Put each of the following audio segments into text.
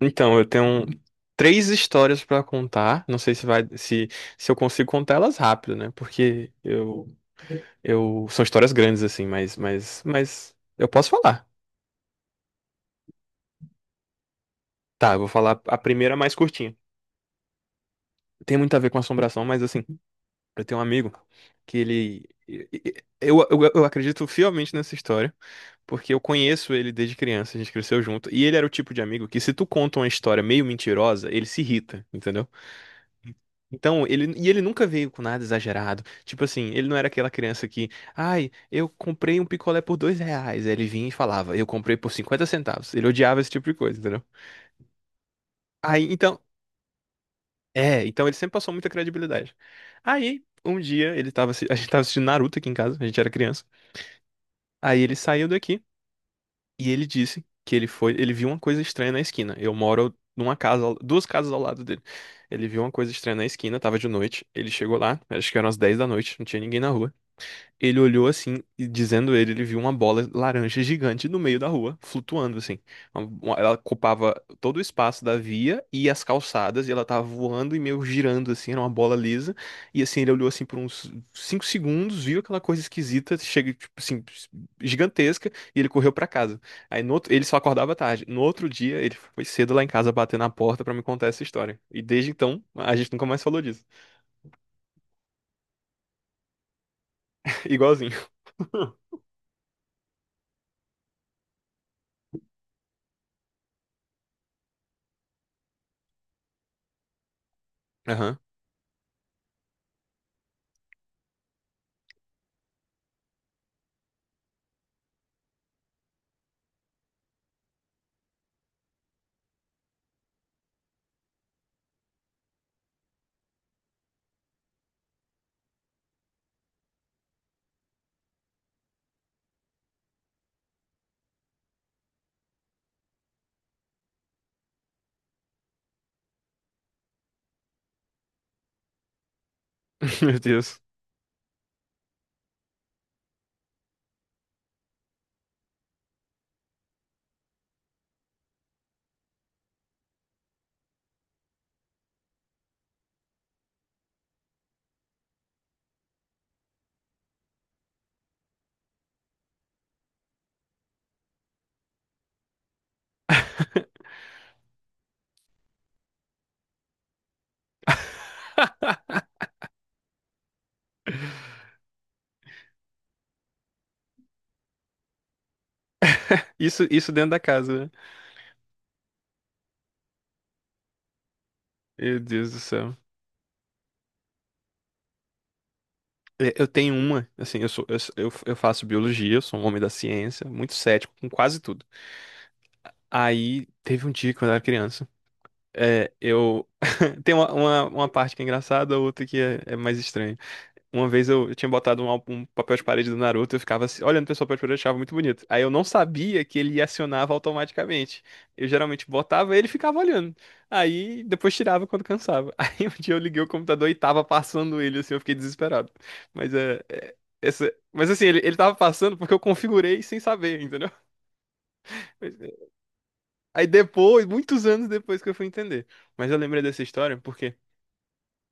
Então, eu tenho três histórias pra contar. Não sei se vai, se eu consigo contar elas rápido, né? Porque eu são histórias grandes assim, mas eu posso falar. Tá, eu vou falar a primeira mais curtinha. Tem muito a ver com assombração, mas assim, eu tenho um amigo que ele, eu acredito fielmente nessa história, porque eu conheço ele desde criança, a gente cresceu junto, e ele era o tipo de amigo que se tu conta uma história meio mentirosa, ele se irrita, entendeu? Então, e ele nunca veio com nada exagerado. Tipo assim, ele não era aquela criança que, ai, eu comprei um picolé por R$ 2. Aí ele vinha e falava, eu comprei por 50 centavos. Ele odiava esse tipo de coisa, entendeu? Aí, então ele sempre passou muita credibilidade. Aí, um dia, a gente tava assistindo Naruto aqui em casa, a gente era criança. Aí ele saiu daqui e ele disse que ele viu uma coisa estranha na esquina. Eu moro numa casa, duas casas ao lado dele. Ele viu uma coisa estranha na esquina, tava de noite. Ele chegou lá, acho que eram as 10 da noite, não tinha ninguém na rua. Ele olhou assim, e dizendo ele viu uma bola laranja gigante no meio da rua, flutuando assim. Ela ocupava todo o espaço da via e as calçadas, e ela tava voando e meio girando assim, era uma bola lisa. E assim, ele olhou assim por uns 5 segundos, viu aquela coisa esquisita, chega tipo assim, gigantesca, e ele correu pra casa. Aí no outro, ele só acordava tarde. No outro dia, ele foi cedo lá em casa bater na porta pra me contar essa história. E desde então, a gente nunca mais falou disso. Igualzinho. Aham. Meu Deus. Isso dentro da casa, né? Meu Deus do céu. É, eu tenho uma, assim, eu faço biologia, eu sou um homem da ciência, muito cético com quase tudo. Aí teve um dia quando eu era criança, é, eu tem uma, parte que é engraçada, outra que é mais estranha. Uma vez eu tinha botado um papel de parede do Naruto, eu ficava assim, olhando pra esse papel de parede, eu achava muito bonito. Aí eu não sabia que ele acionava automaticamente. Eu geralmente botava e ele ficava olhando. Aí depois tirava quando cansava. Aí um dia eu liguei o computador e tava passando ele, assim, eu fiquei desesperado. Mas é. é- Mas assim, ele tava passando porque eu configurei sem saber, entendeu? Mas, é, Aí depois, muitos anos depois que eu fui entender. Mas eu lembrei dessa história porque.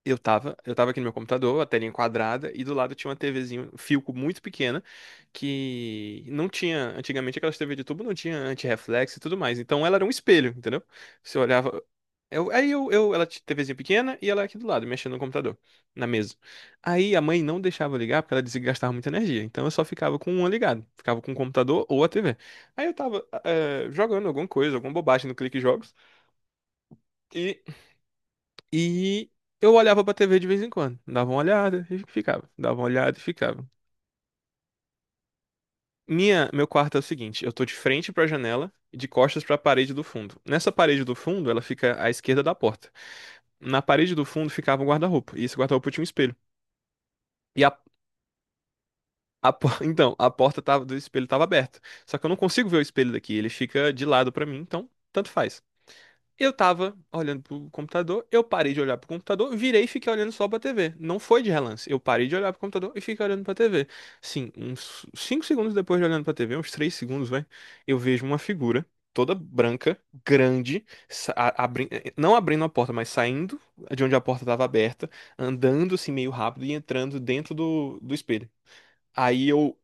Eu tava aqui no meu computador, a telinha quadrada, e do lado tinha uma TVzinha, Philco muito pequena, que não tinha, antigamente aquelas TV de tubo não tinha antirreflexo e tudo mais, então ela era um espelho, entendeu? Você olhava, eu, aí eu, ela tinha TVzinha pequena e ela aqui do lado, mexendo no computador, na mesa. Aí a mãe não deixava eu ligar porque ela dizia que gastava muita energia, então eu só ficava com uma ligada, ficava com o computador ou a TV. Aí eu tava jogando alguma coisa, alguma bobagem no Clique Jogos, e e eu olhava pra TV de vez em quando. Dava uma olhada e ficava. Dava uma olhada e ficava. Meu quarto é o seguinte, eu tô de frente pra janela e de costas pra parede do fundo. Nessa parede do fundo, ela fica à esquerda da porta. Na parede do fundo ficava um guarda-roupa, e esse guarda-roupa tinha um espelho. E a, então, a porta do espelho tava aberta. Só que eu não consigo ver o espelho daqui, ele fica de lado pra mim, então tanto faz. Eu tava olhando pro computador, eu parei de olhar pro computador, virei e fiquei olhando só pra TV. Não foi de relance. Eu parei de olhar pro computador e fiquei olhando pra TV. Sim, uns 5 segundos depois de olhando pra TV, uns 3 segundos, vai, eu vejo uma figura toda branca, grande, não abrindo a porta, mas saindo de onde a porta tava aberta, andando assim meio rápido e entrando dentro do espelho. Aí eu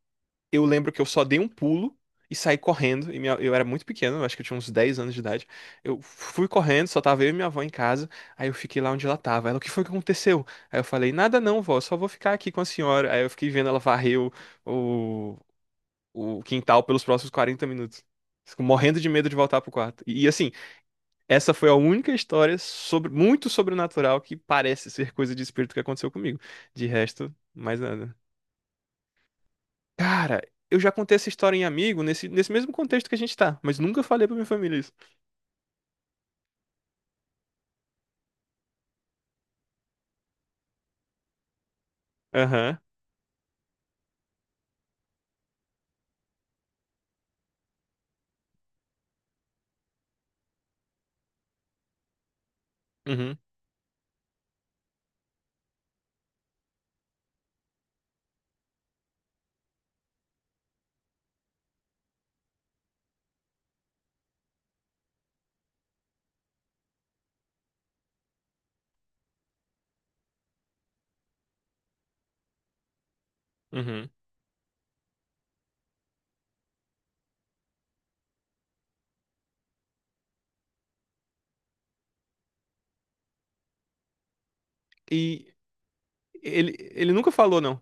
eu lembro que eu só dei um pulo e saí correndo. Eu era muito pequeno, eu acho que eu tinha uns 10 anos de idade. Eu fui correndo, só tava eu e minha avó em casa. Aí eu fiquei lá onde ela tava. Ela, o que foi que aconteceu? Aí eu falei, nada não, vó, só vou ficar aqui com a senhora. Aí eu fiquei vendo ela varrer o, o quintal pelos próximos 40 minutos. Fico morrendo de medo de voltar pro quarto. Assim, essa foi a única história sobre muito sobrenatural que parece ser coisa de espírito que aconteceu comigo. De resto, mais nada. Cara, eu já contei essa história em amigo, nesse mesmo contexto que a gente tá, mas nunca falei pra minha família isso. Aham, uhum, uhum. E ele nunca falou, não.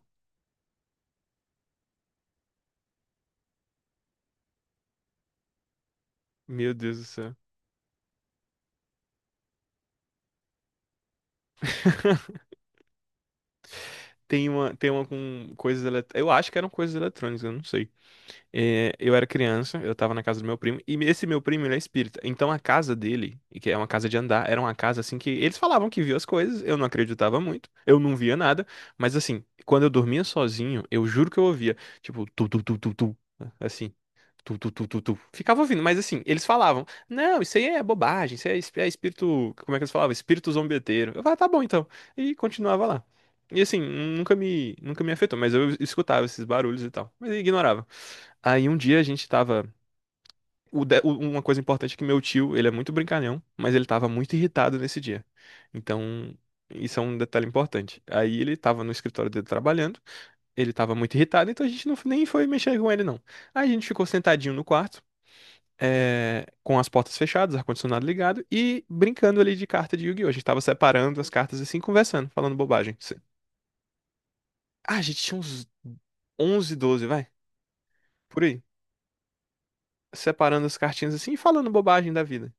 Meu Deus do céu. Tem uma com coisas eletrônicas. Eu acho que eram coisas eletrônicas, eu não sei. É, eu era criança, eu tava na casa do meu primo, e esse meu primo, ele é espírita. Então a casa dele, e que é uma casa de andar, era uma casa assim que eles falavam que viu as coisas, eu não acreditava muito, eu não via nada, mas assim, quando eu dormia sozinho, eu juro que eu ouvia, tipo, tu, tu, tu, tu, tu, assim. Tu, tu, tu, tu, tu. Ficava ouvindo, mas assim, eles falavam: não, isso aí é bobagem, isso aí é espírito. Como é que eles falavam? Espírito zombeteiro. Eu falava, tá bom então. E continuava lá. E assim, nunca me afetou, mas eu escutava esses barulhos e tal. Mas eu ignorava. Aí um dia a gente tava. O de- o- Uma coisa importante é que meu tio, ele é muito brincalhão, mas ele tava muito irritado nesse dia. Então, isso é um detalhe importante. Aí ele tava no escritório dele trabalhando, ele tava muito irritado, então a gente não, nem foi mexer com ele, não. Aí a gente ficou sentadinho no quarto com as portas fechadas, ar-condicionado ligado e brincando ali de carta de Yu-Gi-Oh! A gente tava separando as cartas assim, conversando, falando bobagem. Ah, a gente tinha uns 11, 12, vai, por aí, separando as cartinhas assim e falando bobagem da vida.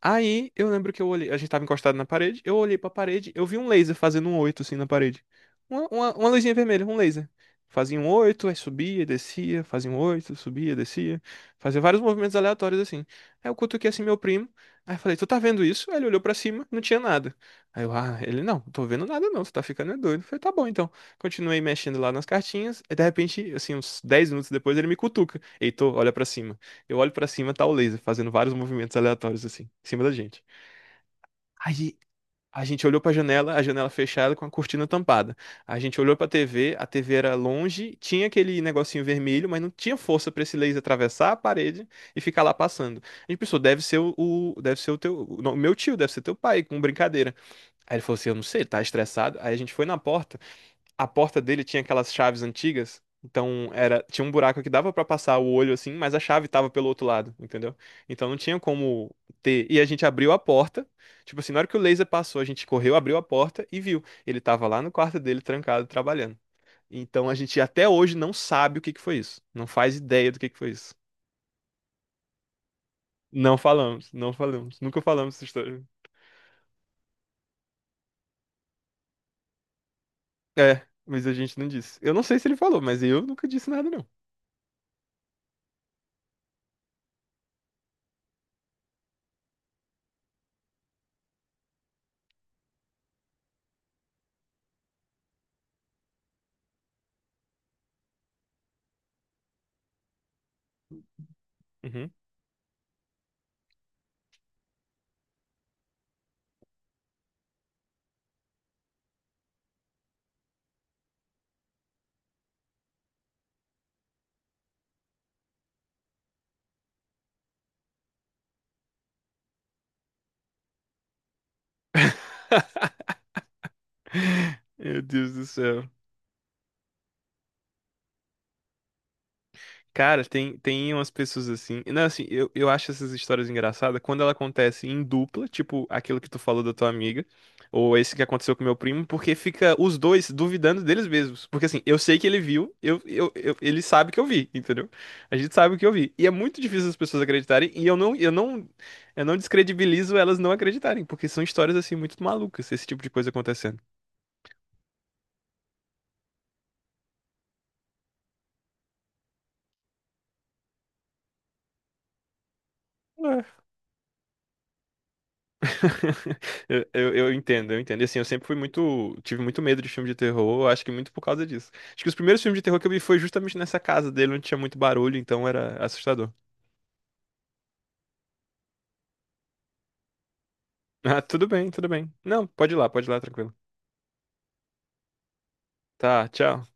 Aí eu lembro que eu olhei, a gente tava encostado na parede, eu olhei pra parede, eu vi um laser fazendo um 8 assim na parede. Uma luzinha vermelha, um laser. Fazia um 8, aí subia, descia, fazia um 8, subia, descia. Fazia vários movimentos aleatórios assim. Aí eu cutuquei assim meu primo, aí eu falei, tu tá vendo isso? Aí ele olhou pra cima, não tinha nada. Aí eu, ah, ele, não, não tô vendo nada não, tu tá ficando é doido. Eu falei, tá bom então. Continuei mexendo lá nas cartinhas, e de repente, assim, uns 10 minutos depois ele me cutuca. Heitor, olha pra cima. Eu olho pra cima, tá o laser fazendo vários movimentos aleatórios assim, em cima da gente. Aí a gente olhou pra janela, a janela fechada com a cortina tampada. A gente olhou pra TV, a TV era longe, tinha aquele negocinho vermelho, mas não tinha força pra esse laser atravessar a parede e ficar lá passando. A gente pensou, deve ser não, o meu tio, deve ser teu pai, com brincadeira. Aí ele falou assim, eu não sei, ele tá estressado. Aí a gente foi na porta, a porta dele tinha aquelas chaves antigas, então era tinha um buraco que dava pra passar o olho assim, mas a chave tava pelo outro lado, entendeu? Então não tinha como ter. E a gente abriu a porta, tipo assim, na hora que o laser passou, a gente correu, abriu a porta e viu. Ele tava lá no quarto dele, trancado, trabalhando. Então a gente até hoje não sabe o que que foi isso. Não faz ideia do que foi isso. Não falamos, não falamos, nunca falamos essa história. É, mas a gente não disse. Eu não sei se ele falou, mas eu nunca disse nada, não. Uhum. Meu Deus do céu. Cara, tem umas pessoas assim. Não, assim, eu acho essas histórias engraçadas quando ela acontece em dupla, tipo aquilo que tu falou da tua amiga, ou esse que aconteceu com meu primo, porque fica os dois duvidando deles mesmos. Porque assim, eu sei que ele viu, ele sabe que eu vi, entendeu? A gente sabe que eu vi. E é muito difícil as pessoas acreditarem, e eu não, descredibilizo elas não acreditarem, porque são histórias assim muito malucas, esse tipo de coisa acontecendo. Eu entendo, eu entendo. E assim, eu sempre fui muito. Tive muito medo de filme de terror, acho que muito por causa disso. Acho que os primeiros filmes de terror que eu vi foi justamente nessa casa dele, onde tinha muito barulho, então era assustador. Ah, tudo bem, tudo bem. Não, pode ir lá, tranquilo. Tá, tchau.